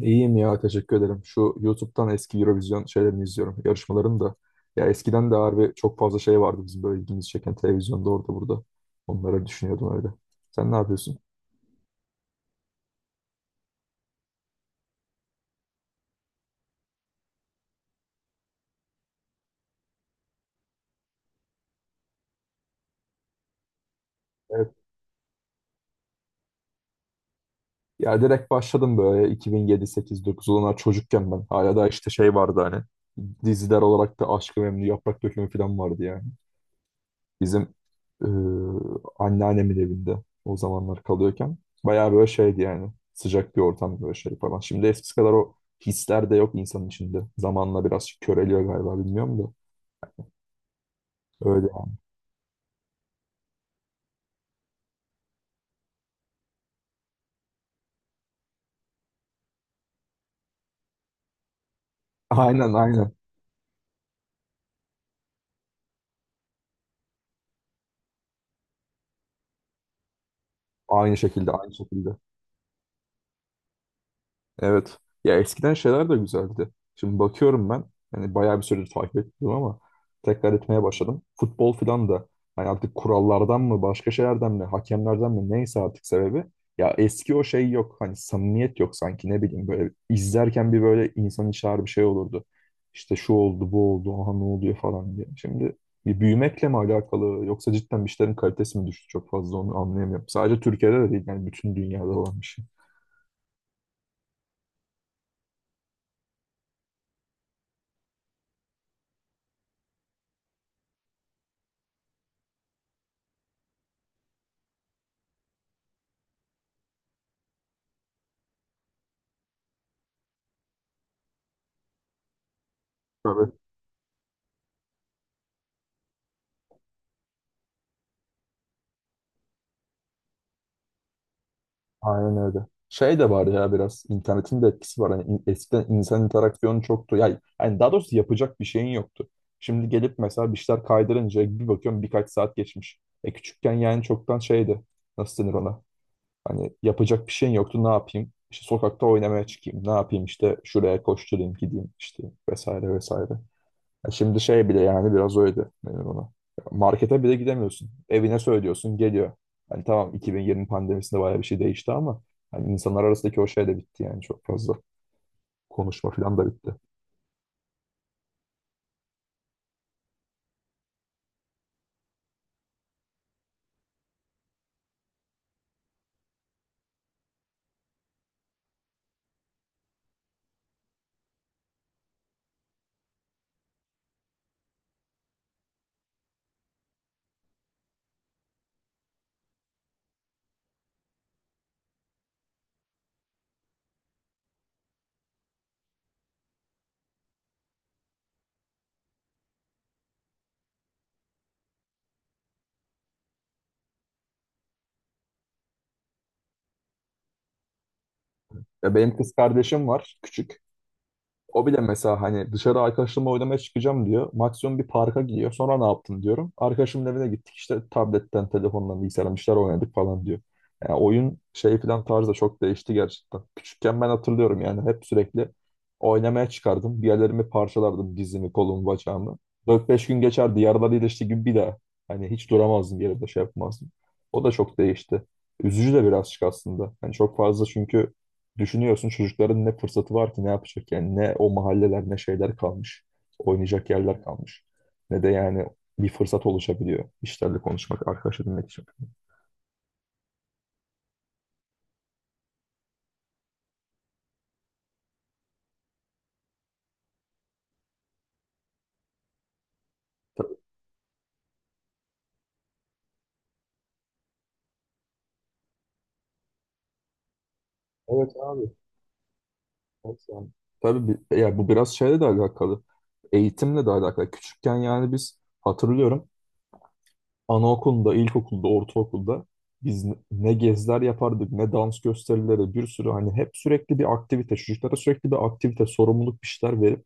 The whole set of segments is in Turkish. İyiyim ya teşekkür ederim. Şu YouTube'dan eski Eurovision şeylerini izliyorum, yarışmalarını da. Ya eskiden de harbi çok fazla şey vardı bizim böyle ilgimizi çeken televizyonda orada burada. Onları düşünüyordum öyle. Sen ne yapıyorsun? Evet. Ya direkt başladım böyle 2007, 8, 9 olanlar çocukken ben. Hala da işte şey vardı hani. Diziler olarak da Aşk-ı Memnu, Yaprak Dökümü falan vardı yani. Bizim e, anneannemin evinde o zamanlar kalıyorken bayağı böyle şeydi yani sıcak bir ortam böyle şey falan. Şimdi eskisi kadar o hisler de yok insanın içinde. Zamanla biraz köreliyor galiba bilmiyorum da. Öyle. Aynen aynen. Aynı şekilde aynı şekilde. Evet. Ya eskiden şeyler de güzeldi. Şimdi bakıyorum ben. Yani bayağı bir süredir takip ettim ama tekrar etmeye başladım. Futbol filan da hani artık kurallardan mı başka şeylerden mi hakemlerden mi neyse artık sebebi. Ya eski o şey yok. Hani samimiyet yok sanki ne bileyim böyle izlerken bir böyle insan içer bir şey olurdu. İşte şu oldu bu oldu aha ne oluyor falan diye. Şimdi bir büyümekle mi alakalı yoksa cidden bir şeylerin kalitesi mi düştü çok fazla onu anlayamıyorum. Sadece Türkiye'de de değil yani bütün dünyada olan bir şey. Tabii. Aynen öyle. Şey de var ya biraz internetin de etkisi var. Hani eskiden insan interaksiyonu çoktu. Yani, daha doğrusu yapacak bir şeyin yoktu. Şimdi gelip mesela bir şeyler kaydırınca bir bakıyorum birkaç saat geçmiş. E küçükken yani çoktan şeydi. Nasıl denir ona? Hani yapacak bir şeyin yoktu, ne yapayım? İşte sokakta oynamaya çıkayım. Ne yapayım işte şuraya koşturayım gideyim işte vesaire vesaire. Ya şimdi şey bile yani biraz öyle benim ona. Markete bile gidemiyorsun. Evine söylüyorsun geliyor. Hani tamam, 2020 pandemisinde bayağı bir şey değişti ama hani insanlar arasındaki o şey de bitti yani çok fazla. Konuşma falan da bitti. Ya benim kız kardeşim var küçük. O bile mesela hani dışarı arkadaşlarımla oynamaya çıkacağım diyor. Maksimum bir parka gidiyor. Sonra ne yaptın diyorum. Arkadaşımın evine gittik işte tabletten, telefondan, bilgisayardan bir şeyler oynadık falan diyor. Yani oyun şey falan tarzı da çok değişti gerçekten. Küçükken ben hatırlıyorum yani hep sürekli oynamaya çıkardım. Bir yerlerimi parçalardım dizimi, kolumu, bacağımı. Dört beş gün geçerdi. Yaralar iyileşti gibi bir daha. Hani hiç duramazdım bir yerde şey yapmazdım. O da çok değişti. Üzücü de birazcık aslında. Yani çok fazla çünkü düşünüyorsun çocukların ne fırsatı var ki, ne yapacak yani, ne o mahalleler ne şeyler kalmış. Oynayacak yerler kalmış. Ne de yani bir fırsat oluşabiliyor işlerle konuşmak, arkadaş edinmek için. Tabii, evet abi. Evet yani. Tabii yani bu biraz şeyle de alakalı. Eğitimle de alakalı. Küçükken yani biz hatırlıyorum anaokulunda, ilkokulda, ortaokulda biz ne ne geziler yapardık, ne dans gösterileri, bir sürü hani hep sürekli bir aktivite, çocuklara sürekli bir aktivite, sorumluluk bir şeyler verip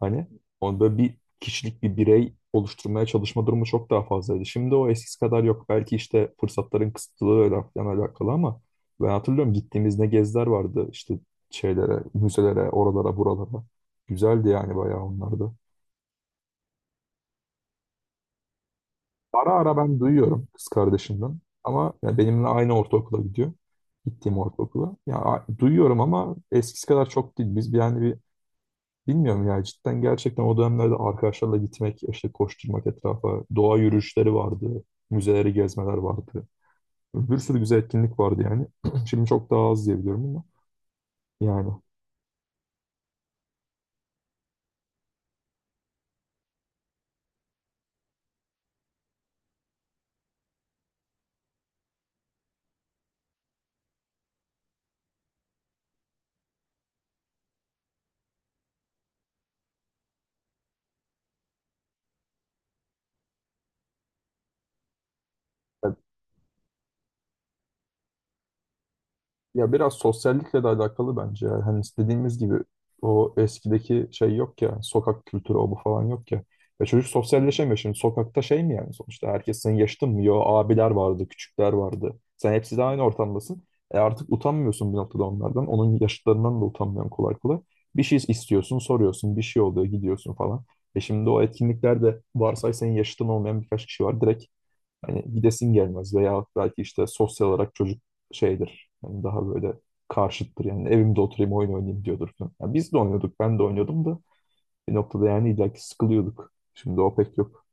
hani onu böyle bir kişilik bir birey oluşturmaya çalışma durumu çok daha fazlaydı. Şimdi o eskisi kadar yok. Belki işte fırsatların kısıtlılığıyla falan alakalı ama ben hatırlıyorum gittiğimiz ne geziler vardı işte şeylere, müzelere, oralara, buralara. Güzeldi yani bayağı onlar da. Ara ara ben duyuyorum kız kardeşimden ama ya benimle aynı ortaokula gidiyor. Gittiğim ortaokula. Ya duyuyorum ama eskisi kadar çok değil. Yani bir, bilmiyorum ya cidden gerçekten o dönemlerde arkadaşlarla gitmek, işte koşturmak etrafa, doğa yürüyüşleri vardı, müzeleri gezmeler vardı. Bir sürü güzel etkinlik vardı yani. Şimdi çok daha az diye biliyorum ama yani. Ya biraz sosyallikle de alakalı bence. Ya, hani dediğimiz gibi o eskideki şey yok ya. Sokak kültürü o bu falan yok ya. Ya çocuk sosyalleşemiyor şimdi. Sokakta şey mi yani sonuçta? Herkes senin yaşıtın mı? Yo, abiler vardı, küçükler vardı. Sen hepsi de aynı ortamdasın. E artık utanmıyorsun bir noktada onlardan. Onun yaşıtlarından da utanmıyorsun kolay kolay. Bir şey istiyorsun, soruyorsun. Bir şey oluyor, gidiyorsun falan. E şimdi o etkinliklerde varsay senin yaşıtın olmayan birkaç kişi var. Direkt, hani gidesin gelmez veya belki işte sosyal olarak çocuk şeydir. Hani daha böyle karşıttır yani, evimde oturayım oyun oynayayım diyordur falan. Yani biz de oynuyorduk, ben de oynuyordum da bir noktada yani illaki sıkılıyorduk. Şimdi o pek yok.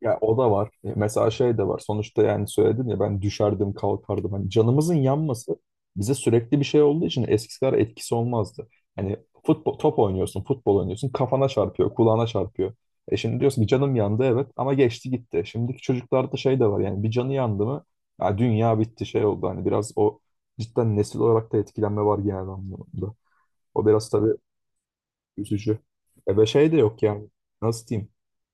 Ya o da var. Mesela şey de var. Sonuçta yani söyledim ya, ben düşerdim kalkardım. Hani canımızın yanması bize sürekli bir şey olduğu için eskisi kadar etkisi olmazdı. Hani futbol, top oynuyorsun, futbol oynuyorsun. Kafana çarpıyor, kulağına çarpıyor. E şimdi diyorsun ki canım yandı evet ama geçti gitti. Şimdiki çocuklarda şey de var yani, bir canı yandı mı ya dünya bitti şey oldu. Hani biraz o cidden nesil olarak da etkilenme var genel anlamda. O biraz tabii üzücü. E ve şey de yok yani. Nasıl diyeyim?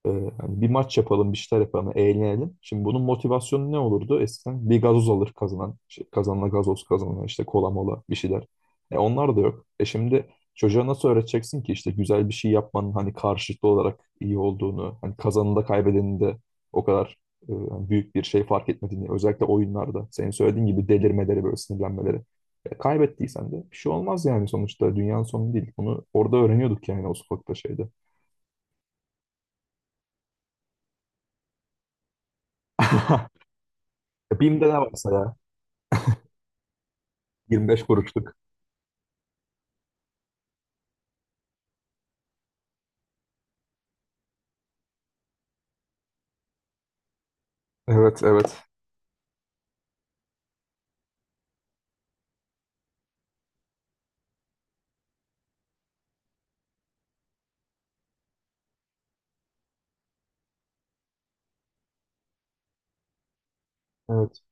E, hani bir maç yapalım, bir şeyler yapalım, eğlenelim. Şimdi bunun motivasyonu ne olurdu? Eskiden bir gazoz alır kazanan. Şey, kazanana gazoz, kazanan işte kola mola bir şeyler. E onlar da yok. E şimdi çocuğa nasıl öğreteceksin ki işte güzel bir şey yapmanın hani karşılıklı olarak iyi olduğunu, hani kazanında kaybedeninde o kadar hani büyük bir şey fark etmediğini, özellikle oyunlarda senin söylediğin gibi delirmeleri böyle sinirlenmeleri. Kaybettiysen de bir şey olmaz yani sonuçta dünyanın sonu değil. Bunu orada öğreniyorduk yani, o sokakta şeyde. E, BİM'de ne varsa ya. 25 kuruşluk. Evet, evet. Evet.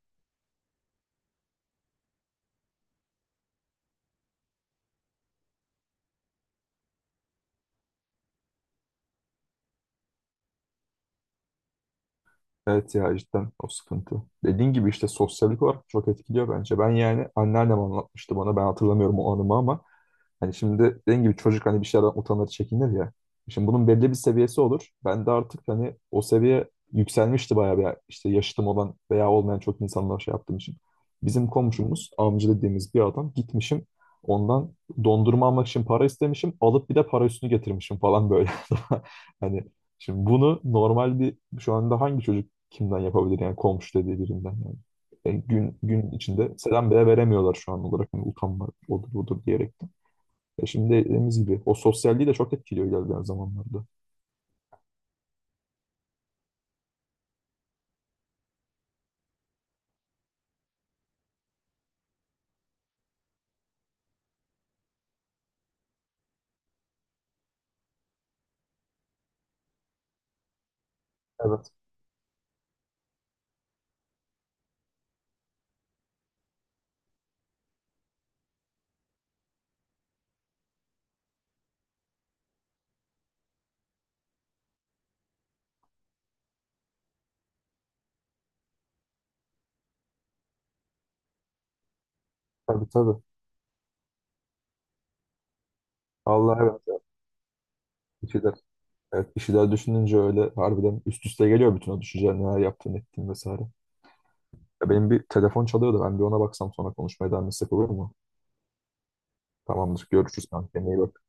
Evet ya cidden o sıkıntı. Dediğin gibi işte sosyallik olarak çok etkiliyor bence. Ben yani anneannem anlatmıştı bana. Ben hatırlamıyorum o anımı ama hani şimdi dediğim gibi çocuk hani bir şeylerden utanır, çekinir ya. Şimdi bunun belli bir seviyesi olur. Ben de artık hani o seviye yükselmişti bayağı bir, işte yaşıtım olan veya olmayan çok insanlar şey yaptığım için. Bizim komşumuz, amca dediğimiz bir adam, gitmişim. Ondan dondurma almak için para istemişim. Alıp bir de para üstünü getirmişim falan böyle. Hani şimdi bunu normal bir, şu anda hangi çocuk kimden yapabilir yani, komşu dediği birinden yani. Gün gün içinde selam bile veremiyorlar şu an olarak. Hani utanma odur budur diyerek. Ya şimdi dediğimiz gibi o sosyalliği de çok etkiliyor ilerleyen zamanlarda. Evet, tabii tabii. Allah evet. Bir şeyler, evet, bir şeyler düşününce öyle harbiden üst üste geliyor bütün o düşünceler, neler yaptığın, ettiğin vesaire. Ya benim bir telefon çalıyordu, ben bir ona baksam sonra konuşmaya devam etsek olur mu? Tamamdır, görüşürüz kanka. İyi bak.